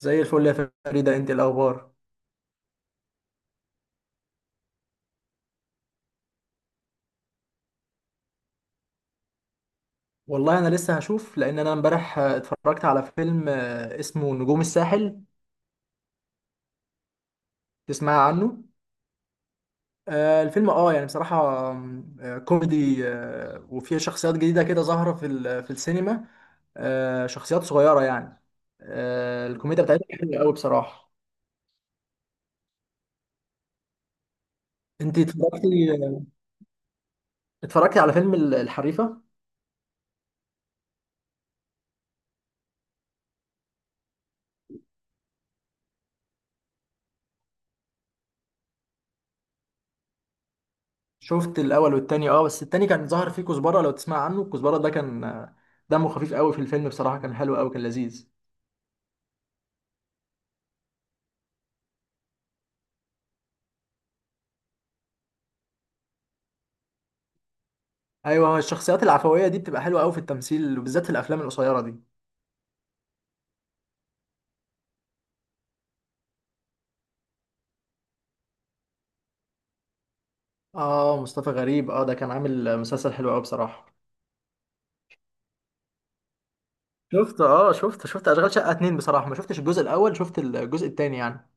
زي الفل يا فريدة، انت الاخبار؟ والله انا لسه هشوف لان انا امبارح، اتفرجت على فيلم اسمه نجوم الساحل. تسمع عنه؟ الفيلم يعني بصراحة كوميدي، وفيه شخصيات جديدة كده ظاهرة في السينما. شخصيات صغيرة يعني. الكوميديا بتاعتها حلوة قوي بصراحة. انت اتفرجتي؟ اتفرجتي على فيلم الحريفة. شفت الاول والتاني، بس التاني كان ظاهر فيه كزبرة، لو تسمع عنه، الكزبرة ده كان دمه خفيف قوي في الفيلم، بصراحة كان حلو قوي، كان لذيذ. ايوه، هو الشخصيات العفويه دي بتبقى حلوه قوي في التمثيل، وبالذات في الافلام القصيره دي. اه، مصطفى غريب، ده كان عامل مسلسل حلو قوي بصراحه. شفت اه شفت شفت اشغال شقه اتنين، بصراحه ما شفتش الجزء الاول، شفت الجزء التاني يعني.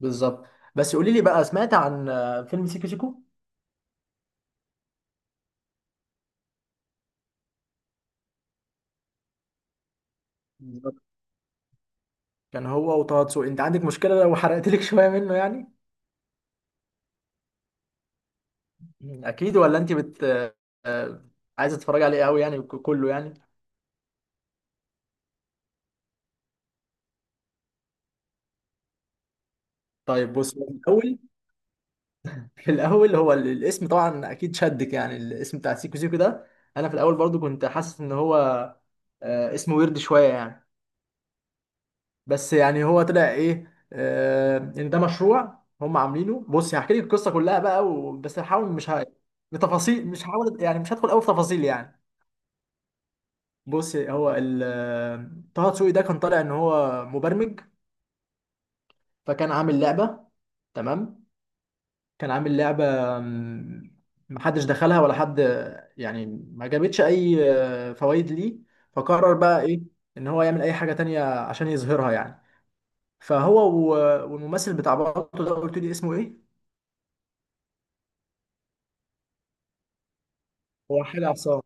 بالظبط. بس قولي لي بقى، سمعت عن فيلم سيكو سيكو؟ بالظبط. كان هو وطه دسوقي. انت عندك مشكله لو حرقت لك شويه منه يعني؟ اكيد؟ ولا انت بت آه، آه، عايزه تتفرجي عليه قوي يعني، كله يعني؟ طيب بص، هو في الاول هو الاسم طبعا اكيد شدك، يعني الاسم بتاع سيكو سيكو ده. انا في الاول برضو كنت حاسس ان هو اسمه ويرد شويه يعني. بس يعني هو طلع ايه؟ ان ده مشروع هم عاملينه. بص، هحكي لك القصه كلها بقى، بس هحاول، مش ه... بتفاصيل، مش هحاول يعني مش هدخل قوي في تفاصيل يعني. بص، هو ال... آه، طه دسوقي ده كان طالع ان هو مبرمج، فكان عامل لعبه. تمام. كان عامل لعبة، مم، محدش دخلها ولا حد يعني، ما جابتش أي فوائد ليه. فقرر بقى إيه؟ إن هو يعمل أي حاجة تانية عشان يظهرها يعني. فهو والممثل بتاع بالطو ده، قلت لي اسمه إيه؟ هو حاجة عصام،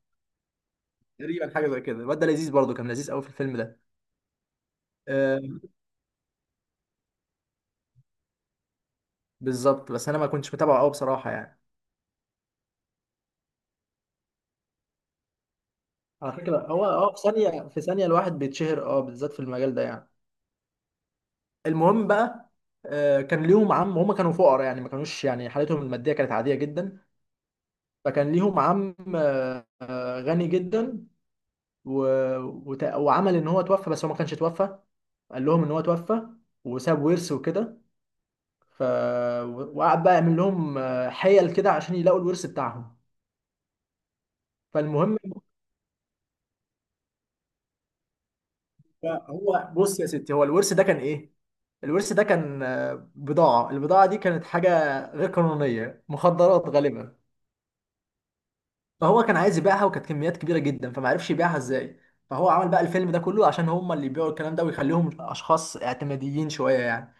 تقريبا حاجة زي كده. الواد ده لذيذ، برضه كان لذيذ قوي في الفيلم ده. آه بالظبط، بس أنا ما كنتش متابعه قوي بصراحة يعني. على فكرة، هو في ثانية في ثانية الواحد بيتشهر، بالذات في المجال ده يعني. المهم بقى، كان ليهم عم، هم كانوا فقراء يعني، ما كانوش يعني، حالتهم الماديه كانت عاديه جدا. فكان ليهم عم غني جدا، و... وعمل ان هو توفى بس هو ما كانش توفى، قال لهم ان هو توفى وساب ورث وكده. ف وقعد بقى يعمل لهم حيل كده عشان يلاقوا الورث بتاعهم. فالمهم، هو بص يا ستي، هو الورث ده كان ايه؟ الورث ده كان بضاعة. البضاعة دي كانت حاجة غير قانونية، مخدرات غالبا. فهو كان عايز يبيعها، وكانت كميات كبيره جدا، فما عرفش يبيعها ازاي. فهو عمل بقى الفيلم ده كله عشان هم اللي يبيعوا الكلام ده، ويخليهم اشخاص اعتماديين شويه يعني.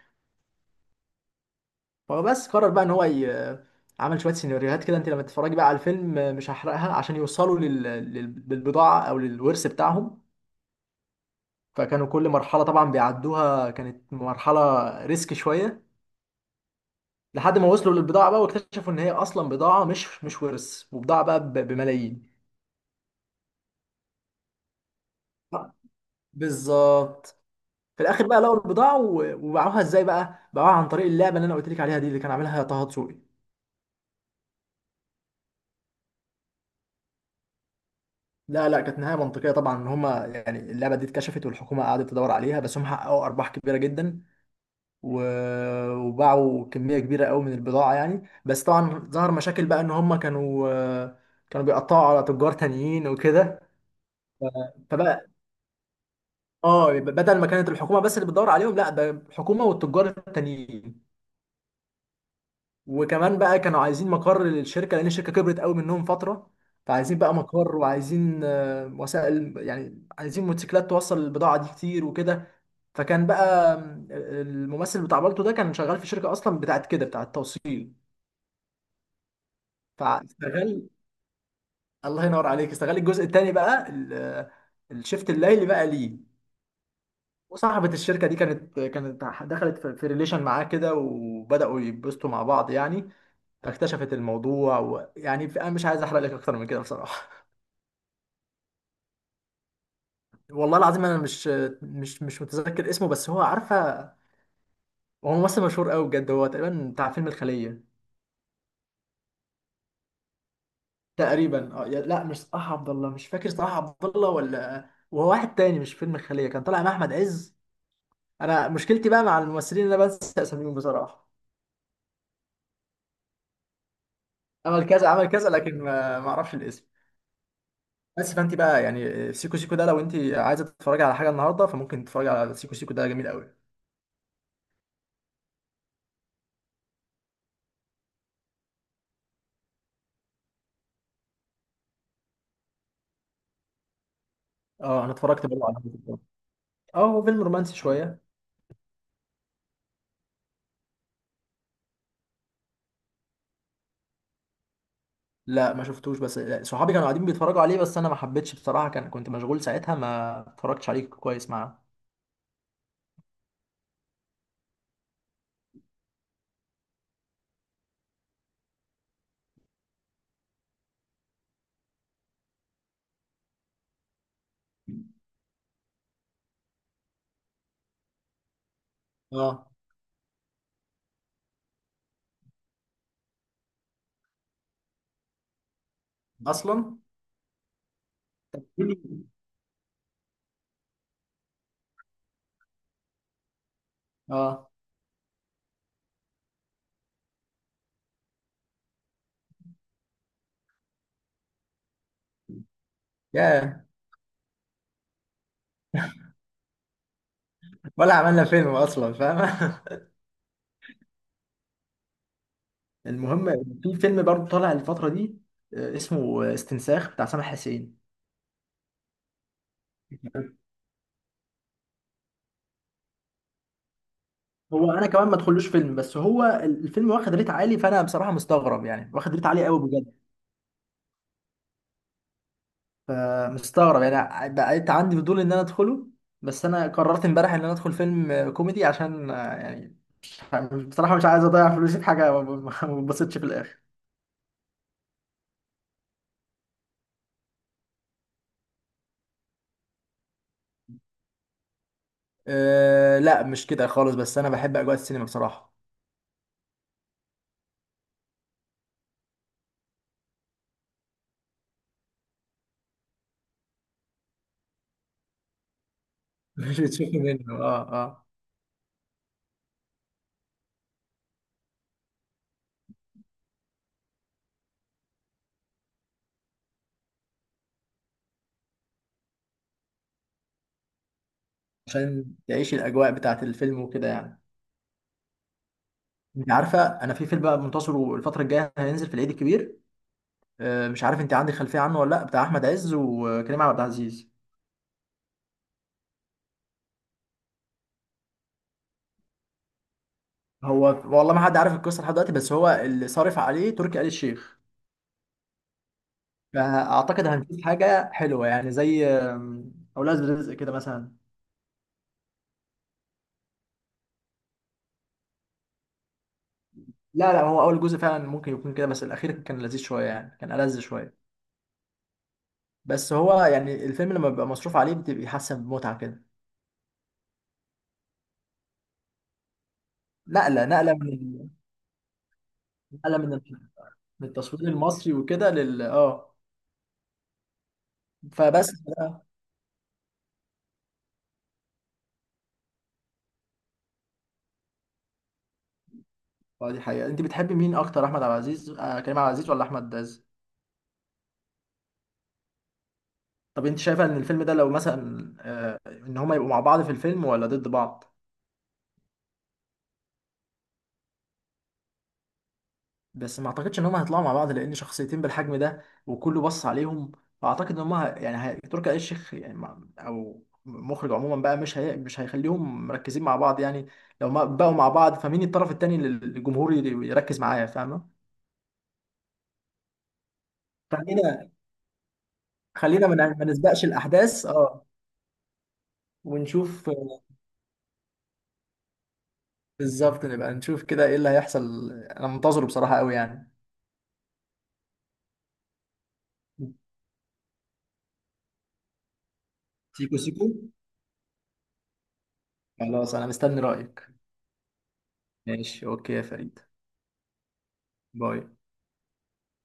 فبس قرر بقى ان هو عمل شويه سيناريوهات كده. انت لما تتفرجي بقى على الفيلم، مش هحرقها، عشان يوصلوا للبضاعه او للورث بتاعهم. فكانوا كل مرحله طبعا بيعدوها كانت مرحله ريسك شويه، لحد ما وصلوا للبضاعه بقى، واكتشفوا ان هي اصلا بضاعه، مش ورث، وبضاعه بقى بملايين. بالظبط. في الاخر بقى لقوا البضاعه، وباعوها ازاي بقى؟ باعوها عن طريق اللعبه اللي انا قلت لك عليها دي، اللي كان عاملها طه دسوقي. لا لا، كانت نهايه منطقيه طبعا، ان هم يعني اللعبه دي اتكشفت، والحكومه قعدت تدور عليها، بس هم حققوا ارباح كبيره جدا، و... وباعوا كميه كبيره قوي من البضاعه يعني. بس طبعا ظهر مشاكل بقى، ان هم كانوا بيقطعوا على تجار تانيين وكده. ف- فبقى، اه بدل ما كانت الحكومه بس اللي بتدور عليهم، لا، ده الحكومه والتجار التانيين. وكمان بقى كانوا عايزين مقر للشركه، لان الشركه كبرت قوي منهم فتره. فعايزين بقى مقر، وعايزين وسائل يعني، عايزين موتوسيكلات توصل البضاعه دي كتير وكده. فكان بقى الممثل بتاع بالتو ده كان شغال في شركه اصلا بتاعت كده، بتاعت توصيل. فاستغل. الله ينور عليك. استغل الجزء التاني بقى، الشيفت الليلي بقى ليه. وصاحبة الشركة دي كانت دخلت في ريليشن معاه كده، وبدأوا يتبسطوا مع بعض يعني. فاكتشفت الموضوع، ويعني انا مش عايز احرق لك اكتر من كده بصراحة. والله العظيم انا مش متذكر اسمه، بس هو عارفه. هو ممثل مشهور قوي بجد، هو تقريبا بتاع فيلم الخليه. تقريبا لا، مش صلاح عبد الله، مش فاكر. صلاح عبد الله ولا وهو واحد تاني؟ مش فيلم الخليه، كان طالع مع احمد عز. انا مشكلتي بقى مع الممثلين ان انا بنسى اساميهم بصراحه. عمل كذا، عمل كذا، لكن ما اعرفش الاسم. بس، فانت بقى يعني سيكو سيكو ده، لو انت عايزه تتفرجي على حاجه النهارده، فممكن تتفرجي على سيكو سيكو ده، جميل قوي. اه، انا اتفرجت برضه على اه هو فيلم رومانسي شويه. لا ما شفتوش، بس صحابي كانوا قاعدين بيتفرجوا عليه، بس انا ما حبيتش بصراحه، كنت مشغول ساعتها، ما اتفرجتش عليه كويس معاه. اه. اصلا. اه. ياه. ولا عملنا فيلم اصلا، فاهم؟ المهم، في فيلم برضه طالع الفتره دي، اسمه استنساخ، بتاع سامح حسين. هو انا كمان ما ادخلوش فيلم، بس هو الفيلم واخد ريت عالي، فانا بصراحه مستغرب يعني، واخد ريت عالي قوي بجد. فمستغرب، يعني بقيت عندي فضول ان انا ادخله. بس انا قررت امبارح ان انا ادخل فيلم كوميدي، عشان يعني، مش عارف- بصراحة مش عايز اضيع فلوسي في حاجة ما بتبسطش في الاخر. أه لا، مش كده خالص، بس انا بحب اجواء السينما بصراحة. مش بتشوف منه، اه اه. عشان تعيش الاجواء بتاعت الفيلم وكده يعني. انت عارفة انا، في فيلم بقى منتصر الفترة الجاية، هينزل في العيد الكبير، أه. مش عارف انت عندك خلفية عنه ولا لا، بتاع احمد عز وكريم عبد العزيز. هو والله ما حد عارف القصه لحد دلوقتي، بس هو اللي صارف عليه تركي آل الشيخ. فاعتقد هنشوف حاجه حلوه يعني، زي اولاد رزق كده مثلا. لا لا، هو اول جزء فعلا ممكن يكون كده، بس الاخير كان لذيذ شويه يعني، كان ألذ شويه. بس هو يعني الفيلم لما بيبقى مصروف عليه بتبقى حاسه بمتعه كده. نقله نقله من نقله من التصوير المصري وكده لل اه. فبس. اه، دي حقيقه. انت بتحبي مين اكتر، احمد عبد العزيز، كريم عبد العزيز ولا احمد عز؟ طب انت شايفه ان الفيلم ده، لو مثلا ان هما يبقوا مع بعض في الفيلم، ولا ضد بعض؟ بس ما اعتقدش ان هما هيطلعوا مع بعض، لان شخصيتين بالحجم ده، وكله بص عليهم. فاعتقد ان هما تركي آل الشيخ يعني، او مخرج عموما بقى، مش هيخليهم مركزين مع بعض يعني. لو ما بقوا مع بعض، فمين الطرف التاني اللي الجمهور يركز معاه؟ فاهمه؟ خلينا خلينا ما نسبقش الاحداث، اه. ونشوف بالظبط، نبقى نشوف كده ايه اللي هيحصل. انا منتظره بصراحه قوي يعني. سيكو سيكو. خلاص انا مستني رأيك. ماشي اوكي يا فريد. باي.